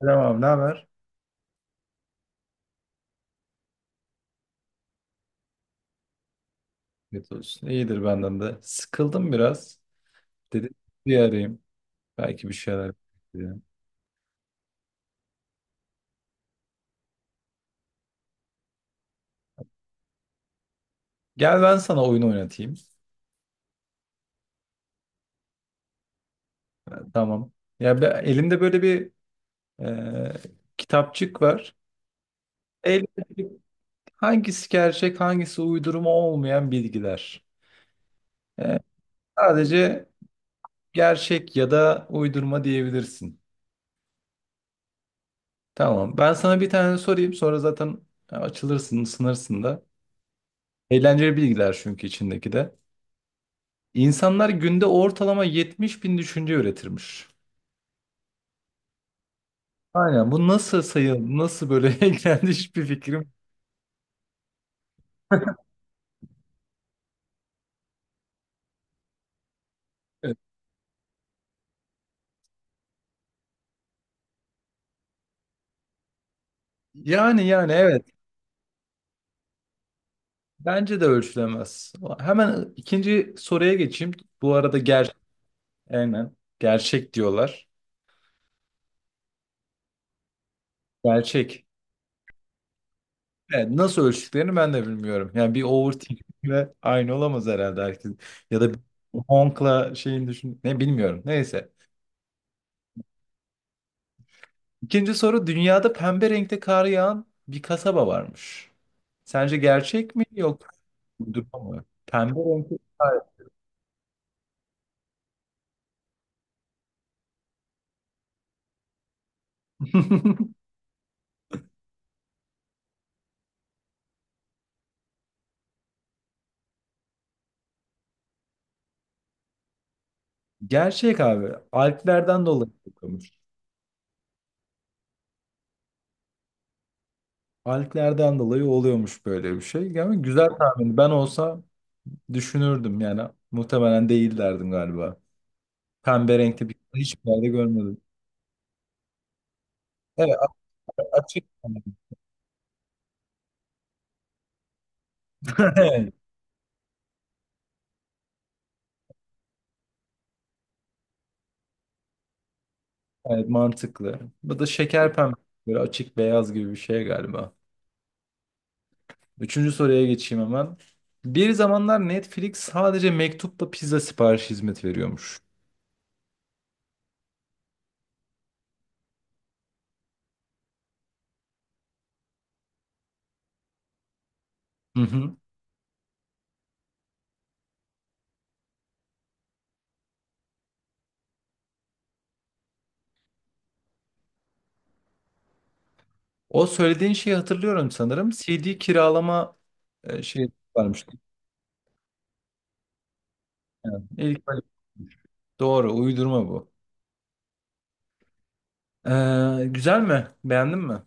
Selam abi, ne haber? Evet olsun. İyidir benden de. Sıkıldım biraz. Dedim bir arayayım. Belki bir şeyler yapabilirim. Gel ben sana oyun oynatayım. Ha, tamam. Ya ben, elimde böyle bir e, kitapçık var. Elimde hangisi gerçek, hangisi uydurma olmayan bilgiler. E, Sadece gerçek ya da uydurma diyebilirsin. Tamam. Ben sana bir tane sorayım. Sonra zaten açılırsın, ısınırsın da. Eğlenceli bilgiler çünkü içindeki de. İnsanlar günde ortalama 70 bin düşünce üretirmiş. Aynen, bu nasıl sayı, nasıl böyle kendi hiçbir fikrim yok. Yani, evet, bence de ölçülemez. Hemen ikinci soruya geçeyim. Bu arada, aynen, gerçek diyorlar. Gerçek. Evet, nasıl ölçtüklerini ben de bilmiyorum. Yani bir overthinking'le aynı olamaz herhalde herkes. Ya da bir honkla şeyin düşün, ne bilmiyorum. Neyse. İkinci soru: dünyada pembe renkte kar yağan bir kasaba varmış. Sence gerçek mi yok uydurma mı? Pembe renkte kar. Gerçek abi. Alplerden dolayı oluyormuş. Alplerden dolayı oluyormuş böyle bir şey. Yani güzel tahmin. Ben olsa düşünürdüm yani. Muhtemelen değil derdim galiba. Pembe renkte bir hiçbir yerde görmedim. Evet a- açık. Evet, mantıklı. Bu da şeker pembe. Böyle açık beyaz gibi bir şey galiba. Üçüncü soruya geçeyim hemen. Bir zamanlar Netflix sadece mektupla pizza siparişi hizmet veriyormuş. Hı hı. O söylediğin şeyi hatırlıyorum sanırım. C D kiralama e, şey varmış. Yani ilk böyle- doğru, uydurma bu. Güzel mi? Beğendin mi?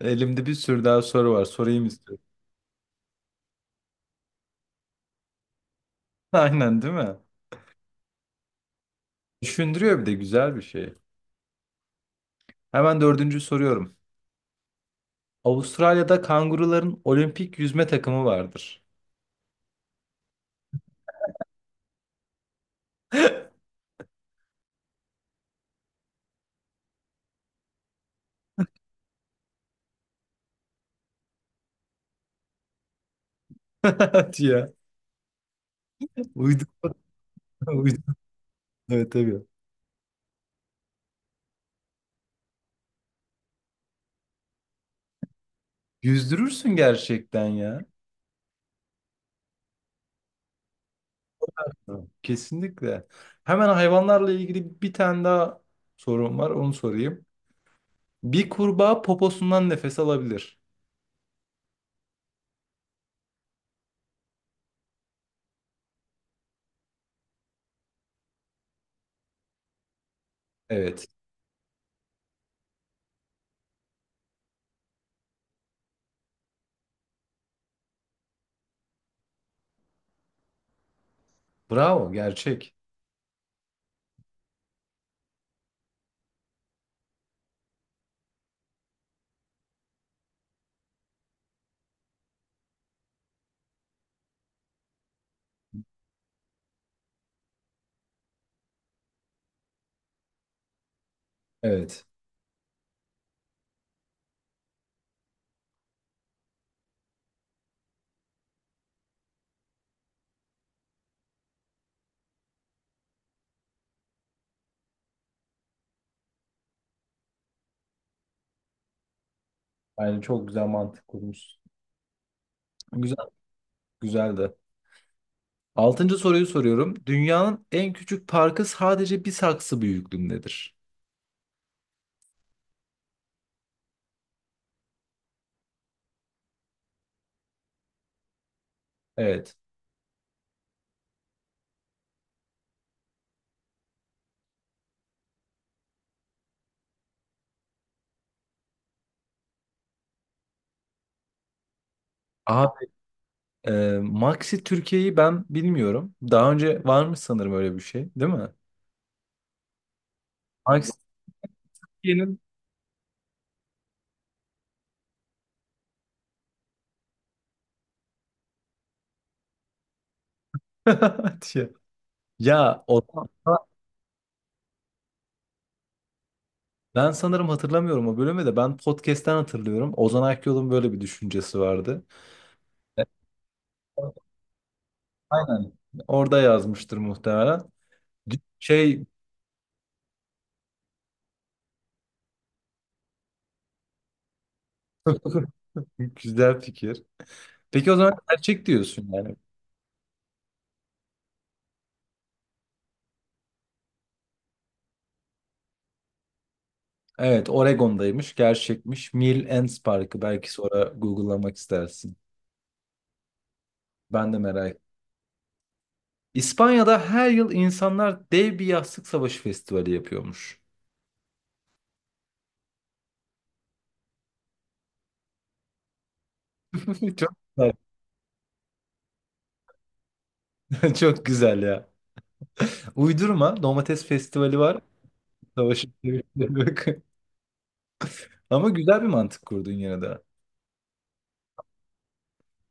Elimde bir sürü daha soru var. Sorayım istiyorum. Aynen, değil mi? Düşündürüyor bir de, güzel bir şey. Hemen dördüncü soruyorum. Avustralya'da kanguruların olimpik yüzme takımı vardır. Hadi ya. Uydurma. Evet tabii. Yüzdürürsün gerçekten ya. Tamam. Kesinlikle. Hemen hayvanlarla ilgili bir tane daha sorum var. Onu sorayım. Bir kurbağa poposundan nefes alabilir. Evet. Bravo. Gerçek. Evet. Yani çok güzel mantık kurmuşsun. Güzel. Güzeldi. Altıncı soruyu soruyorum. Dünyanın en küçük parkı sadece bir saksı büyüklüğündedir. Evet. Abi, e, Maxi Türkiye'yi ben bilmiyorum. Daha önce varmış sanırım öyle bir şey, değil mi? Maxi diye. Ya Ozan, ben sanırım hatırlamıyorum o bölümü de, ben podcast'ten hatırlıyorum. Ozan Akyol'un böyle bir düşüncesi vardı. E, Aynen. Orada yazmıştır muhtemelen. Şey, güzel fikir. Peki o zaman gerçek diyorsun yani. Evet, Oregon'daymış, gerçekmiş. Mill Ends Parkı, belki sonra Google'lamak istersin. Ben de merak ettim. İspanya'da her yıl insanlar dev bir yastık savaşı festivali yapıyormuş. Çok güzel. Çok güzel ya. Uydurma, domates festivali var. Savaşın yok. Ama güzel bir mantık kurdun yine de.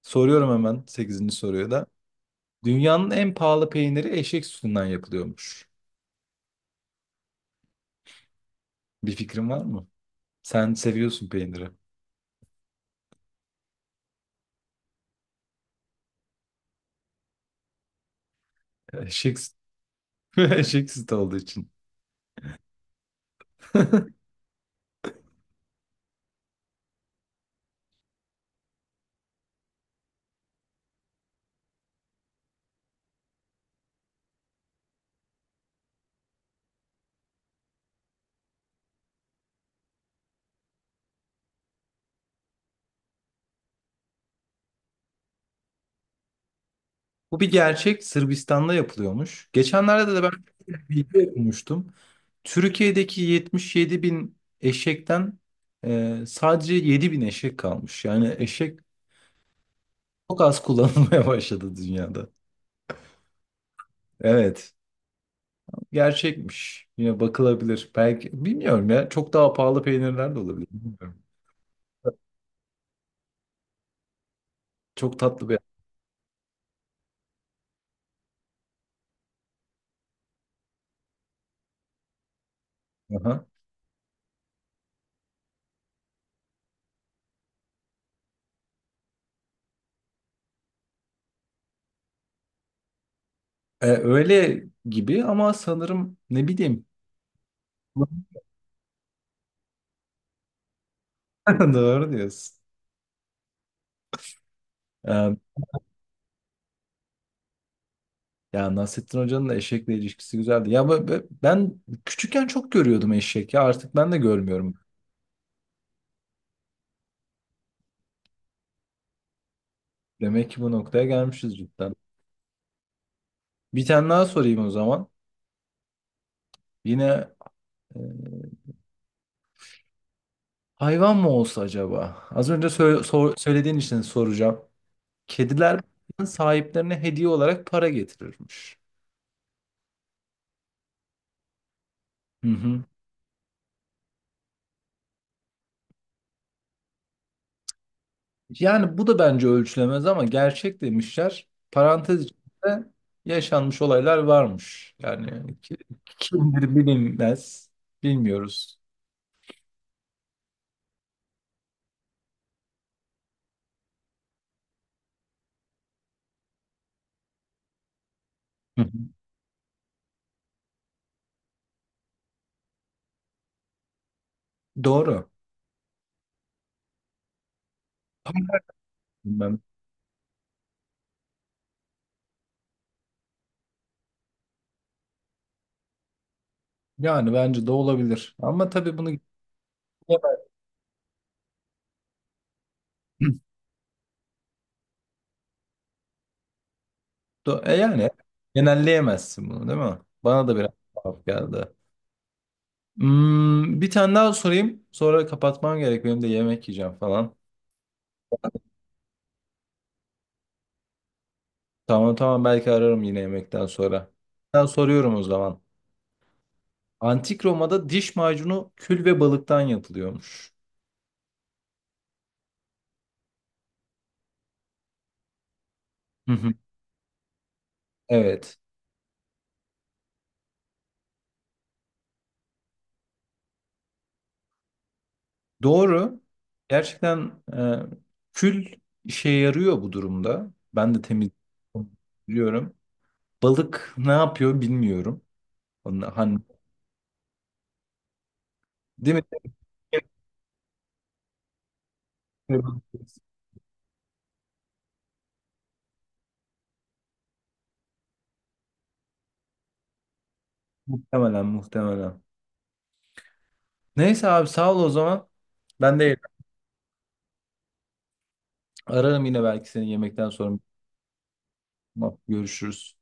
Soruyorum hemen sekizinci soruyu da. Dünyanın en pahalı peyniri eşek sütünden yapılıyormuş. Bir fikrin var mı? Sen seviyorsun peyniri. Eşek, süt- eşek sütü olduğu için. Bu bir gerçek. Sırbistan'da yapılıyormuş. Geçenlerde de ben bir bilgi okumuştum. Türkiye'deki 77 bin eşekten sadece 7 bin eşek kalmış. Yani eşek çok az kullanılmaya başladı dünyada. Evet, gerçekmiş. Yine bakılabilir. Belki, bilmiyorum ya. Çok daha pahalı peynirler de olabilir. Bilmiyorum. Çok tatlı bir. Aha. Öyle gibi ama sanırım, ne bileyim. Doğru diyorsun. E, ya Nasrettin Hoca'nın da eşekle ilişkisi güzeldi. Ya ben küçükken çok görüyordum eşek, ya artık ben de görmüyorum. Demek ki bu noktaya gelmişiz cidden. Bir tane daha sorayım o zaman. Yine e, hayvan mı olsa acaba? Az önce söylediğin için soracağım. Kediler sahiplerine hediye olarak para getirirmiş. Hı hı. Yani bu da bence ölçülemez ama gerçek demişler. Parantez içinde yaşanmış olaylar varmış. Kimdir bilinmez. Bilmiyoruz. Hı hı. Doğru. Bilmem. Yani bence de olabilir. Ama tabii bunu yani genelleyemezsin bunu, değil mi? Bana da biraz tuhaf geldi. Hmm, bir tane daha sorayım. Sonra kapatmam gerek. Benim de yemek yiyeceğim falan. Tamam tamam, belki ararım yine yemekten sonra. Ben soruyorum o zaman. Antik Roma'da diş macunu kül ve balıktan yapılıyormuş. Hı hı. Evet. Doğru. Gerçekten, kül işe yarıyor bu durumda. Ben de temiz biliyorum. Balık ne yapıyor bilmiyorum. Onu, hani, değil mi? Muhtemelen, muhtemelen. Neyse abi, sağ ol o zaman. Ben de ararım yine belki seni yemekten sonra. Tamam, görüşürüz.